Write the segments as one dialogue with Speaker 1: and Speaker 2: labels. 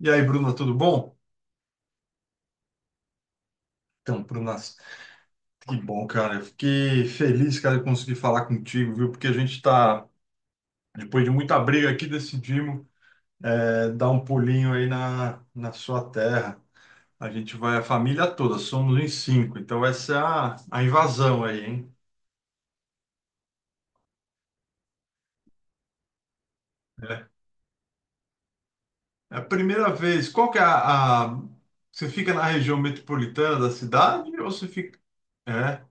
Speaker 1: E aí, Bruna, tudo bom? Então, Bruna, que bom, cara. Eu fiquei feliz, cara, de conseguir falar contigo, viu? Porque a gente tá, depois de muita briga aqui, decidimos dar um pulinho aí na sua terra. A gente vai, a família toda, somos em cinco. Então, essa é a invasão aí, hein? É É a primeira vez. Qual que é Você fica na região metropolitana da cidade ou você fica... É.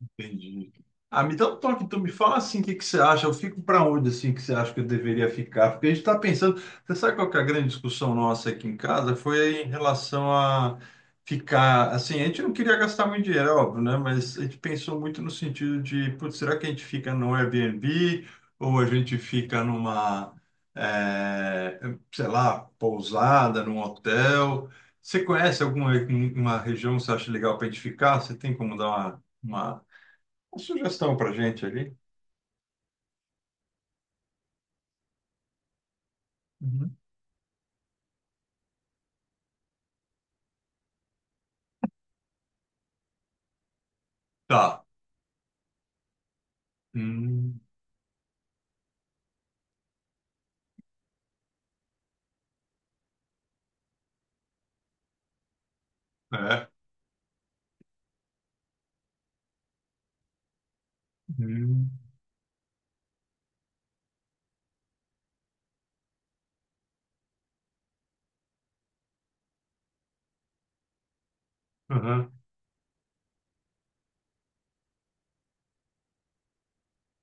Speaker 1: Entendi. Ah, me dá um toque, então me fala assim o que que você acha, eu fico para onde assim que você acha que eu deveria ficar? Porque a gente está pensando, você sabe qual que é a grande discussão nossa aqui em casa? Foi em relação a ficar, assim, a gente não queria gastar muito dinheiro, é óbvio, né? Mas a gente pensou muito no sentido de, putz, será que a gente fica no Airbnb ou a gente fica numa, eh, sei lá, pousada, num hotel? Você conhece alguma uma região que você acha legal para a gente ficar? Você tem como dar uma sugestão pra gente ali. Uhum. Tá. Hum, é. Hum, aham.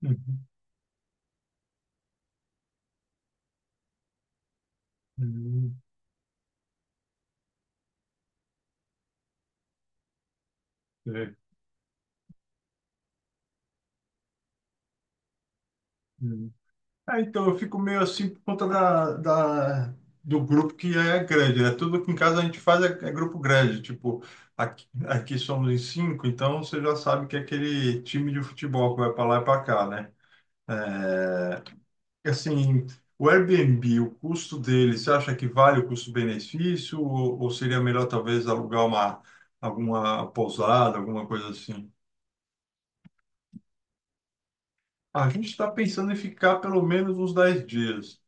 Speaker 1: Uhum, uhum, é, hum. É, então eu fico meio assim por conta do grupo que é grande, né? Tudo que em casa a gente faz é grupo grande. Tipo, aqui somos em cinco, então você já sabe que é aquele time de futebol que vai pra lá e pra cá, né? É. Assim, o Airbnb, o custo dele, você acha que vale o custo-benefício ou seria melhor talvez alugar uma alguma pousada, alguma coisa assim? Ah, a gente está pensando em ficar pelo menos uns 10 dias.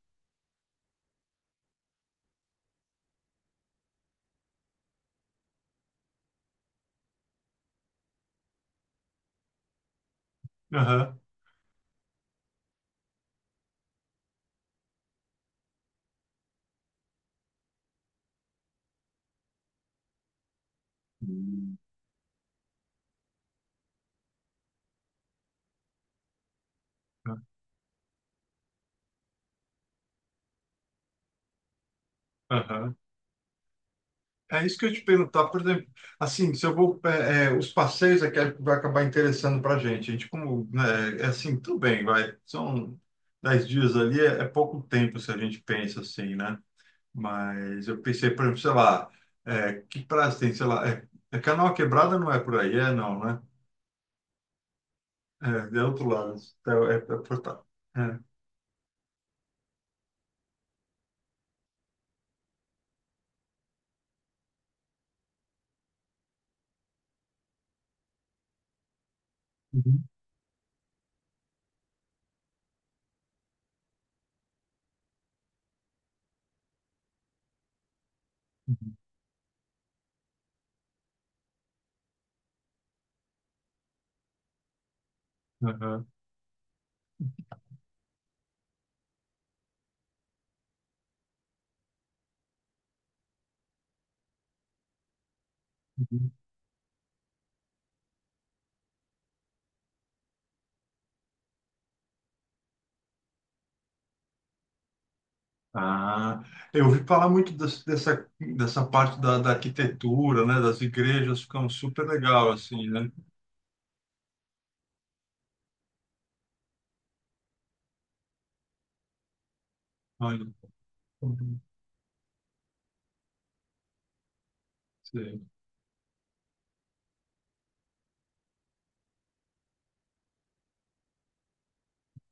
Speaker 1: Aham. Hum. Aham. É isso que eu ia te perguntar, por exemplo, assim, se eu vou, os passeios é que é, vai acabar interessando para a gente. A gente como, né, é assim, tudo bem, vai, são 10 dias ali, é pouco tempo se a gente pensa assim, né? Mas eu pensei, por exemplo, sei lá, que prazo tem, sei lá, é, Canoa Quebrada não é por aí, é não, né? É, é outro lado, é Portal. É. Uhum, uhum, aham, uhum. Ah, eu ouvi falar muito dessa parte da arquitetura, né? Das igrejas ficam super legal, assim, né? Olha, uhum, sei,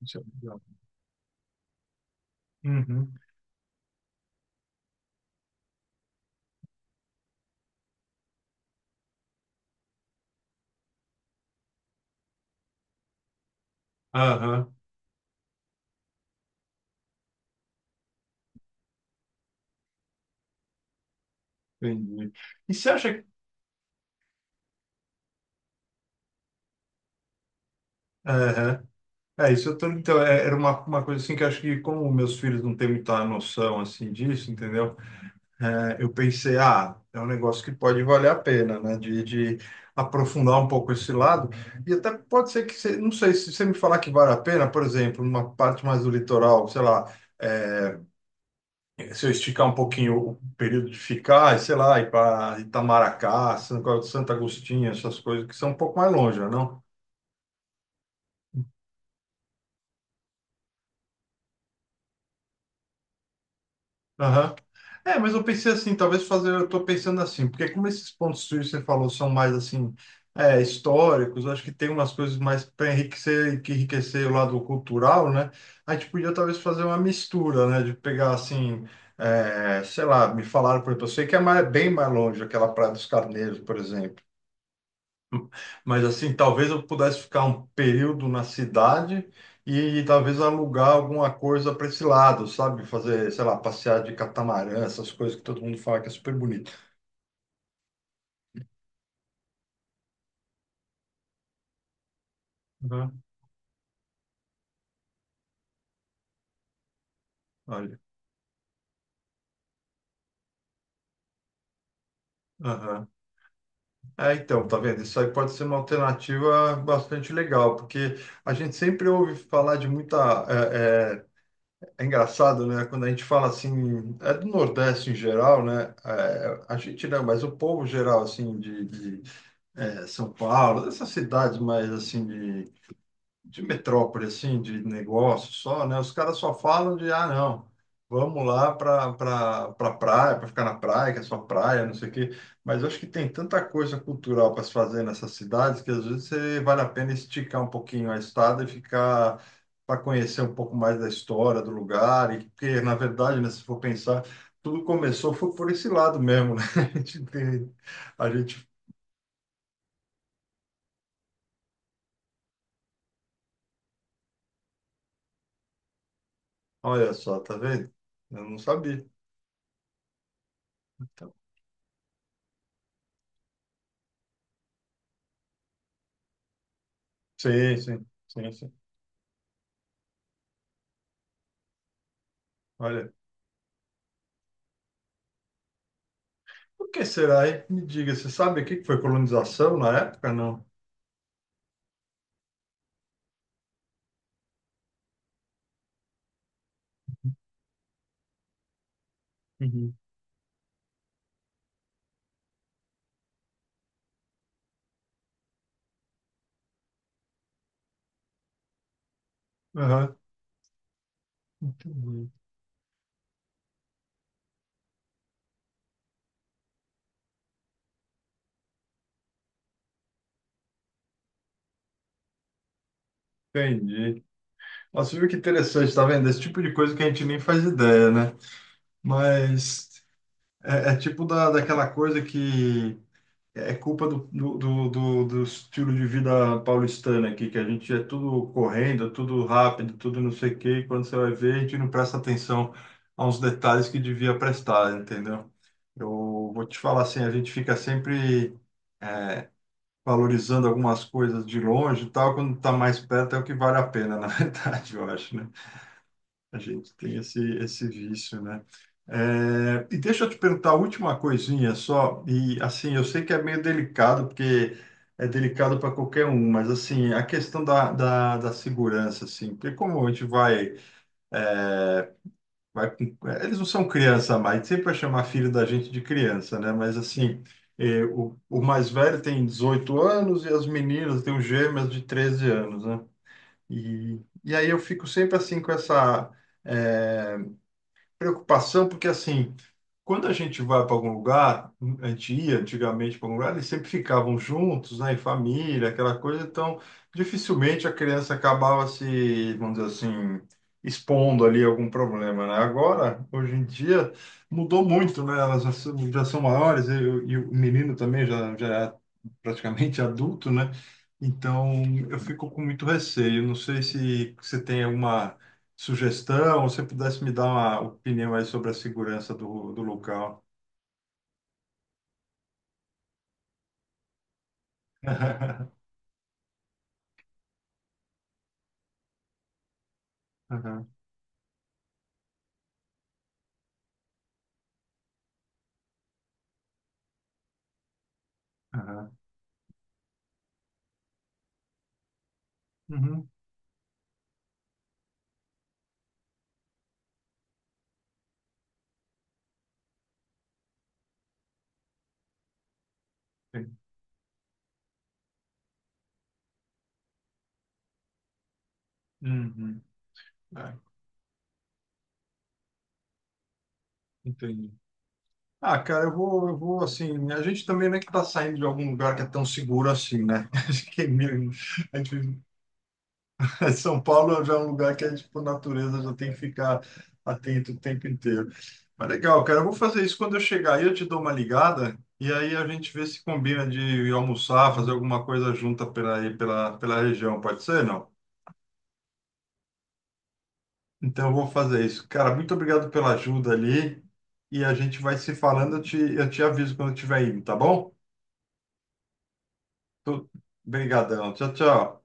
Speaker 1: isso é legal. Uhum, aham, entendi. E você acha que... é, isso eu tô, então, era uma coisa assim que eu acho que como meus filhos não têm muita noção assim disso, entendeu? É, eu pensei, ah, é um negócio que pode valer a pena, né? De aprofundar um pouco esse lado. E até pode ser que, você, não sei, se você me falar que vale a pena, por exemplo, numa parte mais do litoral, sei lá, é, se eu esticar um pouquinho o período de ficar, sei lá, ir para Itamaracá, São Santa Agostinho, essas coisas que são um pouco mais longe, né, não? Aham. É, mas eu pensei assim, talvez fazer, eu tô pensando assim, porque como esses pontos frios que você falou são mais assim, históricos, eu acho que tem umas coisas mais para enriquecer, que enriquecer o lado cultural, né? A gente podia talvez fazer uma mistura, né? De pegar assim, sei lá, me falaram, por exemplo, eu sei que é bem mais longe, aquela Praia dos Carneiros, por exemplo. Mas assim, talvez eu pudesse ficar um período na cidade e, talvez alugar alguma coisa para esse lado, sabe? Fazer, sei lá, passear de catamarã, essas coisas que todo mundo fala que é super bonito. Uhum. Olha. Aham. É, então, tá vendo? Isso aí pode ser uma alternativa bastante legal, porque a gente sempre ouve falar de muita. É, é, é engraçado, né? Quando a gente fala assim, é do Nordeste em geral, né? É, a gente não, mas o povo geral, assim, de São Paulo, essas cidades mais assim de, metrópole, assim, de negócio só, né? Os caras só falam de, ah, não, vamos lá para pra praia, para ficar na praia, que é só praia, não sei o quê. Mas eu acho que tem tanta coisa cultural para se fazer nessas cidades que às vezes vale a pena esticar um pouquinho a estada e ficar para conhecer um pouco mais da história do lugar, e porque, na verdade, né, se for pensar, tudo começou foi por esse lado mesmo, né? A gente, tem- a gente Olha só, tá vendo? Eu não sabia. Então, sim, sim, sim, sim. Olha, o que será, hein? Me diga, você sabe o que que foi colonização na época? Não. Uhum. Aham, entendi. Entendi. Nossa, viu que interessante, tá vendo? Esse tipo de coisa que a gente nem faz ideia, né? Mas é tipo daquela coisa que é culpa do estilo de vida paulistano aqui, que a gente é tudo correndo, tudo rápido, tudo não sei o quê, e quando você vai ver, a gente não presta atenção a uns detalhes que devia prestar, entendeu? Eu vou te falar assim, a gente fica sempre valorizando algumas coisas de longe e tal, quando está mais perto é o que vale a pena, na verdade, eu acho, né? A gente tem esse vício, né? É, e deixa eu te perguntar a última coisinha só, e assim, eu sei que é meio delicado, porque é delicado para qualquer um, mas assim, a questão da segurança, assim, porque como a gente vai, eles não são criança mais, sempre vai chamar filho da gente de criança, né? Mas assim, o mais velho tem 18 anos e as meninas têm os gêmeas de 13 anos, né? E aí eu fico sempre assim com essa é, preocupação, porque assim, quando a gente vai para algum lugar, a gente ia antigamente para algum lugar, eles sempre ficavam juntos, né, em família, aquela coisa, então dificilmente a criança acabava se, vamos dizer assim, expondo ali algum problema, né? Agora, hoje em dia, mudou muito, né? Elas já são maiores e o menino também já é praticamente adulto, né? Então, eu fico com muito receio. Não sei se você tem alguma sugestão, ou se você pudesse me dar uma opinião aí sobre a segurança do local. Aham, aham. Uhum, sim. Uhum. É, entendi. Ah, cara, eu vou assim. A gente também não é que está saindo de algum lugar que é tão seguro assim, né? Acho que é meio- a gente São Paulo já é um lugar que a gente, por natureza, já tem que ficar atento o tempo inteiro. Mas legal, cara, eu vou fazer isso quando eu chegar aí, eu te dou uma ligada e aí a gente vê se combina de almoçar, fazer alguma coisa junta pela, aí, pela região, pode ser, não? Então eu vou fazer isso. Cara, muito obrigado pela ajuda ali e a gente vai se falando, eu te aviso quando eu estiver indo, tá bom? Tu- Obrigadão, tchau, tchau.